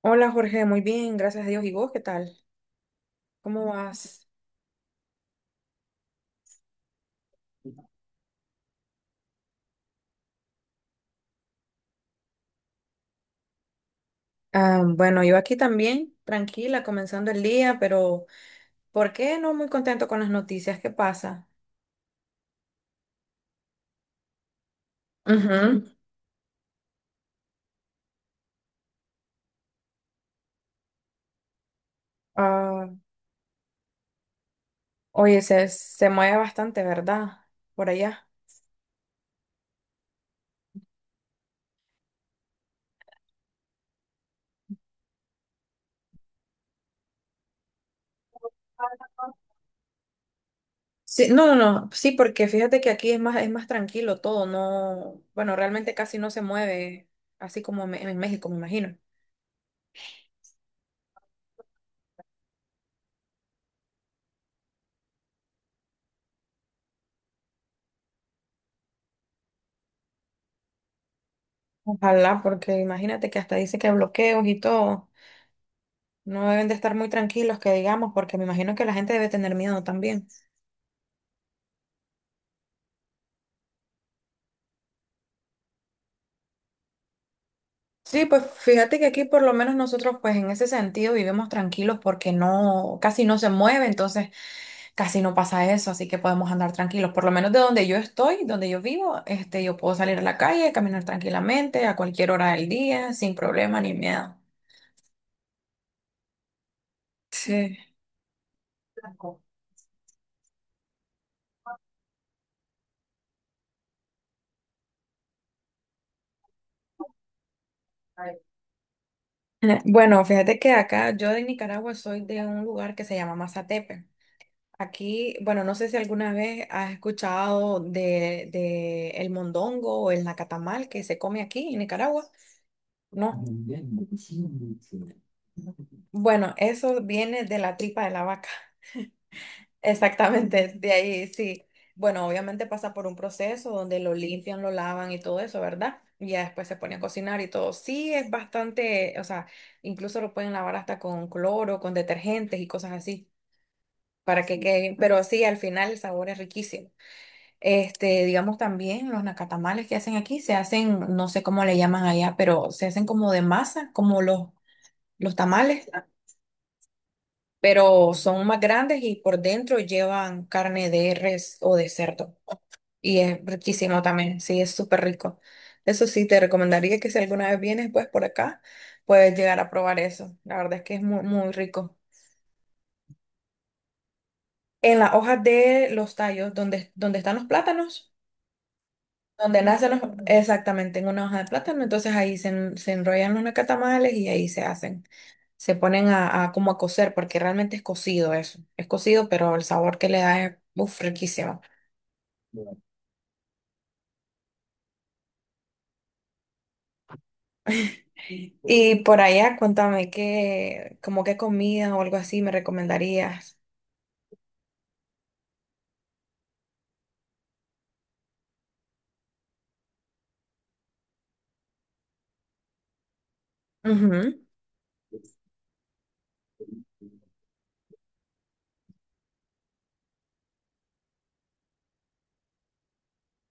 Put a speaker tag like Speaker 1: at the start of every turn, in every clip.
Speaker 1: Hola Jorge, muy bien, gracias a Dios. ¿Y vos qué tal? ¿Cómo vas? Ah, bueno, yo aquí también, tranquila, comenzando el día, pero ¿por qué no muy contento con las noticias? ¿Qué pasa? Ujú. Ah, oye, se mueve bastante, ¿verdad? Por allá. Sí, no, no, no, sí, porque fíjate que aquí es más tranquilo todo, no, bueno, realmente casi no se mueve, así como en México, me imagino. Ojalá, porque imagínate que hasta dice que bloqueos y todo. No deben de estar muy tranquilos, que digamos, porque me imagino que la gente debe tener miedo también. Sí, pues fíjate que aquí por lo menos nosotros pues en ese sentido vivimos tranquilos porque no, casi no se mueve, entonces casi no pasa eso, así que podemos andar tranquilos. Por lo menos de donde yo estoy, donde yo vivo, yo puedo salir a la calle, caminar tranquilamente a cualquier hora del día, sin problema ni miedo. Sí. Bueno, fíjate que acá yo de Nicaragua soy de un lugar que se llama Mazatepe. Aquí, bueno, no sé si alguna vez has escuchado de el mondongo o el nacatamal que se come aquí en Nicaragua. No. Bueno, eso viene de la tripa de la vaca. Exactamente, de ahí sí. Bueno, obviamente pasa por un proceso donde lo limpian, lo lavan y todo eso, ¿verdad? Y ya después se pone a cocinar y todo. Sí, es bastante, o sea, incluso lo pueden lavar hasta con cloro, con detergentes y cosas así, para que quede bien. Pero sí, al final el sabor es riquísimo. Este, digamos también los nacatamales que hacen aquí se hacen, no sé cómo le llaman allá, pero se hacen como de masa, como los tamales, pero son más grandes y por dentro llevan carne de res o de cerdo. Y es riquísimo también, sí, es súper rico. Eso sí, te recomendaría que si alguna vez vienes pues por acá, puedes llegar a probar eso. La verdad es que es muy, muy rico. En las hojas de los tallos, donde están los plátanos. Donde nacen los, exactamente, en una hoja de plátano, entonces ahí se enrollan los nacatamales y ahí se hacen, se ponen a como a cocer, porque realmente es cocido eso, es cocido, pero el sabor que le da es uf, riquísimo. Y por allá, cuéntame qué, como qué comida o algo así me recomendarías. Ujú.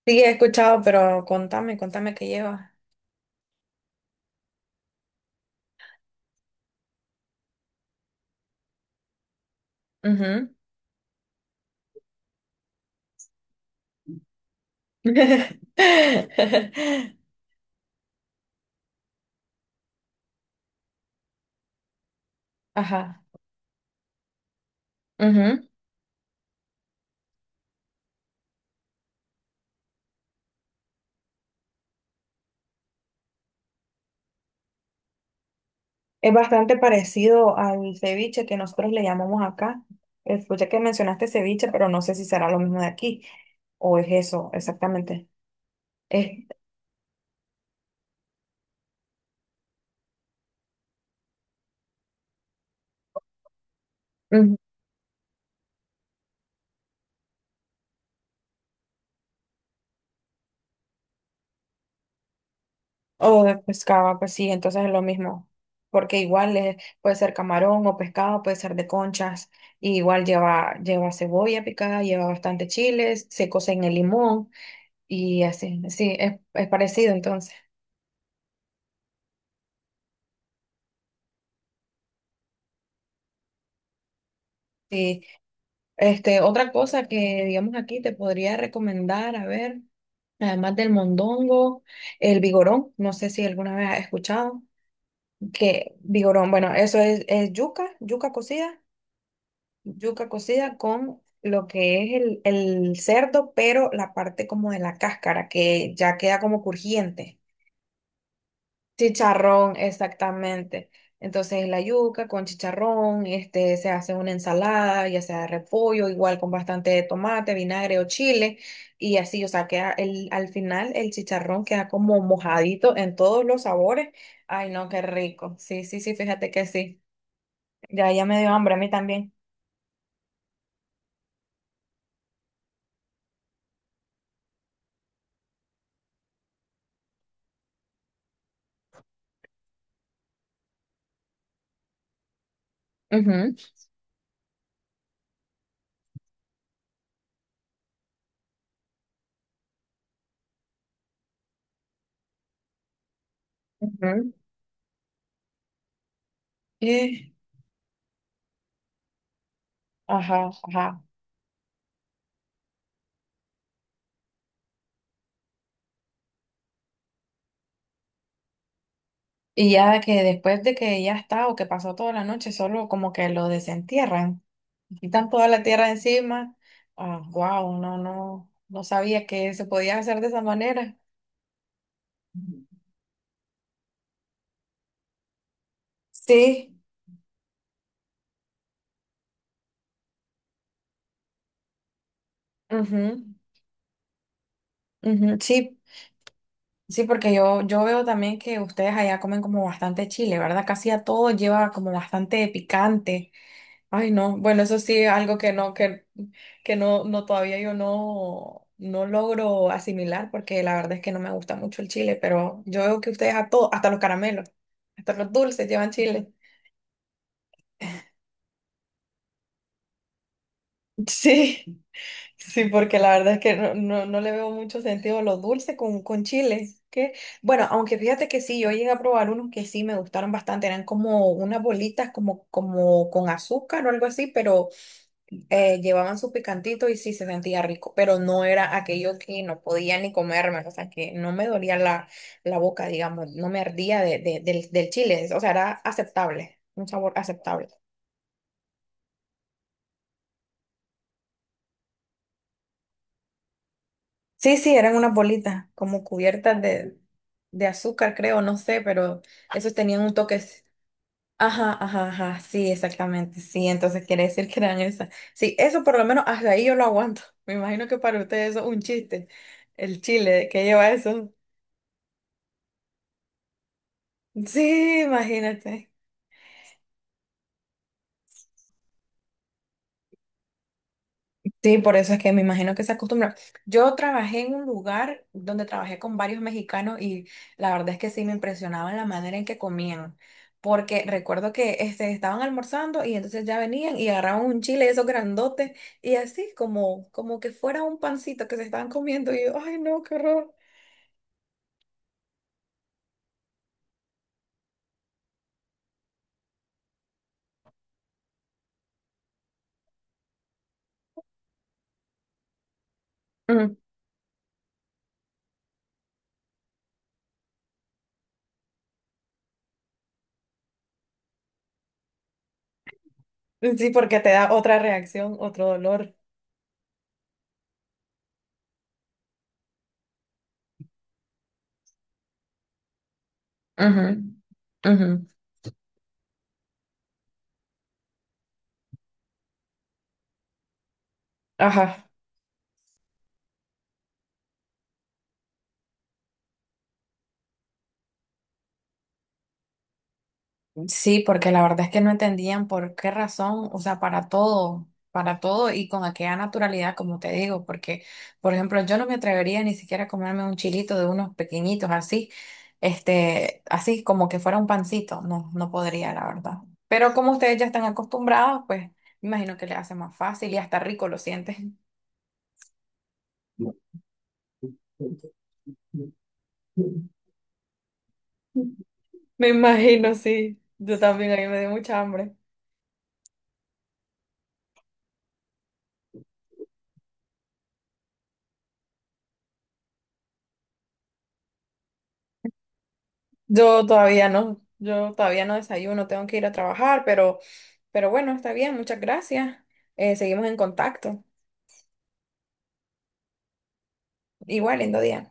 Speaker 1: Sí, he escuchado, pero contame, contame qué lleva. Ujú. Ajá. Es bastante parecido al ceviche que nosotros le llamamos acá. Escuché que mencionaste ceviche, pero no sé si será lo mismo de aquí o es eso exactamente. Es, ujú, o de pescado, pues sí, entonces es lo mismo. Porque igual puede ser camarón o pescado, puede ser de conchas. Y igual lleva, lleva cebolla picada, lleva bastante chiles, se cose en el limón y así. Sí, es parecido entonces. Sí. Este, otra cosa que digamos aquí te podría recomendar, a ver. Además del mondongo, el vigorón, no sé si alguna vez has escuchado, que vigorón, bueno, eso es yuca, yuca cocida con lo que es el cerdo, pero la parte como de la cáscara, que ya queda como crujiente. Chicharrón, exactamente. Entonces la yuca con chicharrón, se hace una ensalada, ya sea de repollo, igual con bastante tomate, vinagre o chile, y así, o sea, queda el, al final el chicharrón queda como mojadito en todos los sabores. Ay, no, qué rico. Sí, sí, sí, fíjate que sí. Ya, ya me dio hambre a mí también. Ujú. Ujú. Eh, ajá, ajá. Y ya que después de que ya está o que pasó toda la noche, solo como que lo desentierran, quitan toda la tierra de encima. Ah, wow, no, no, no sabía que se podía hacer de esa manera. Sí, ujú, ujú, sí, sí, porque yo veo también que ustedes allá comen como bastante chile, ¿verdad? Casi a todo lleva como bastante picante. Ay, no. Bueno, eso sí es algo que no, no, todavía yo no, no logro asimilar porque la verdad es que no me gusta mucho el chile, pero yo veo que ustedes a todos, hasta los caramelos, hasta los dulces llevan chile. Sí, sí, porque la verdad es que no, no, no le veo mucho sentido a los dulces con chile. Que, bueno, aunque fíjate que sí, yo llegué a probar unos que sí me gustaron bastante, eran como unas bolitas como, como con azúcar o algo así, pero llevaban su picantito y sí se sentía rico, pero no era aquello que no podía ni comerme, o sea, que no me dolía la, la boca, digamos, no me ardía del chile, o sea, era aceptable, un sabor aceptable. Sí, sí, eran unas bolitas como cubiertas de azúcar, creo, no sé, pero esos tenían un toque. Ajá, ajá, ajá, sí, exactamente, sí, entonces quiere decir que eran esas. Sí, eso por lo menos hasta ahí yo lo aguanto. Me imagino que para ustedes eso es un chiste, ¿el chile, que lleva eso? Sí, imagínate. Sí, por eso es que me imagino que se acostumbra. Yo trabajé en un lugar donde trabajé con varios mexicanos y la verdad es que sí me impresionaba la manera en que comían, porque recuerdo que estaban almorzando y entonces ya venían y agarraban un chile, esos grandotes, y así como, como que fuera un pancito que se estaban comiendo y yo, ay no, qué horror. Mm. Sí, porque te da otra reacción, otro dolor. Ujú, ujú. Ajá. Sí, porque la verdad es que no entendían por qué razón, o sea, para todo y con aquella naturalidad, como te digo, porque, por ejemplo, yo no me atrevería ni siquiera a comerme un chilito de unos pequeñitos así, así como que fuera un pancito, no, no podría, la verdad. Pero como ustedes ya están acostumbrados, pues me imagino que les hace más fácil y hasta rico lo sienten. Me imagino, sí. Yo también, a mí me dio mucha hambre. Yo todavía no desayuno, tengo que ir a trabajar, pero bueno, está bien, muchas gracias. Seguimos en contacto. Igual, lindo día.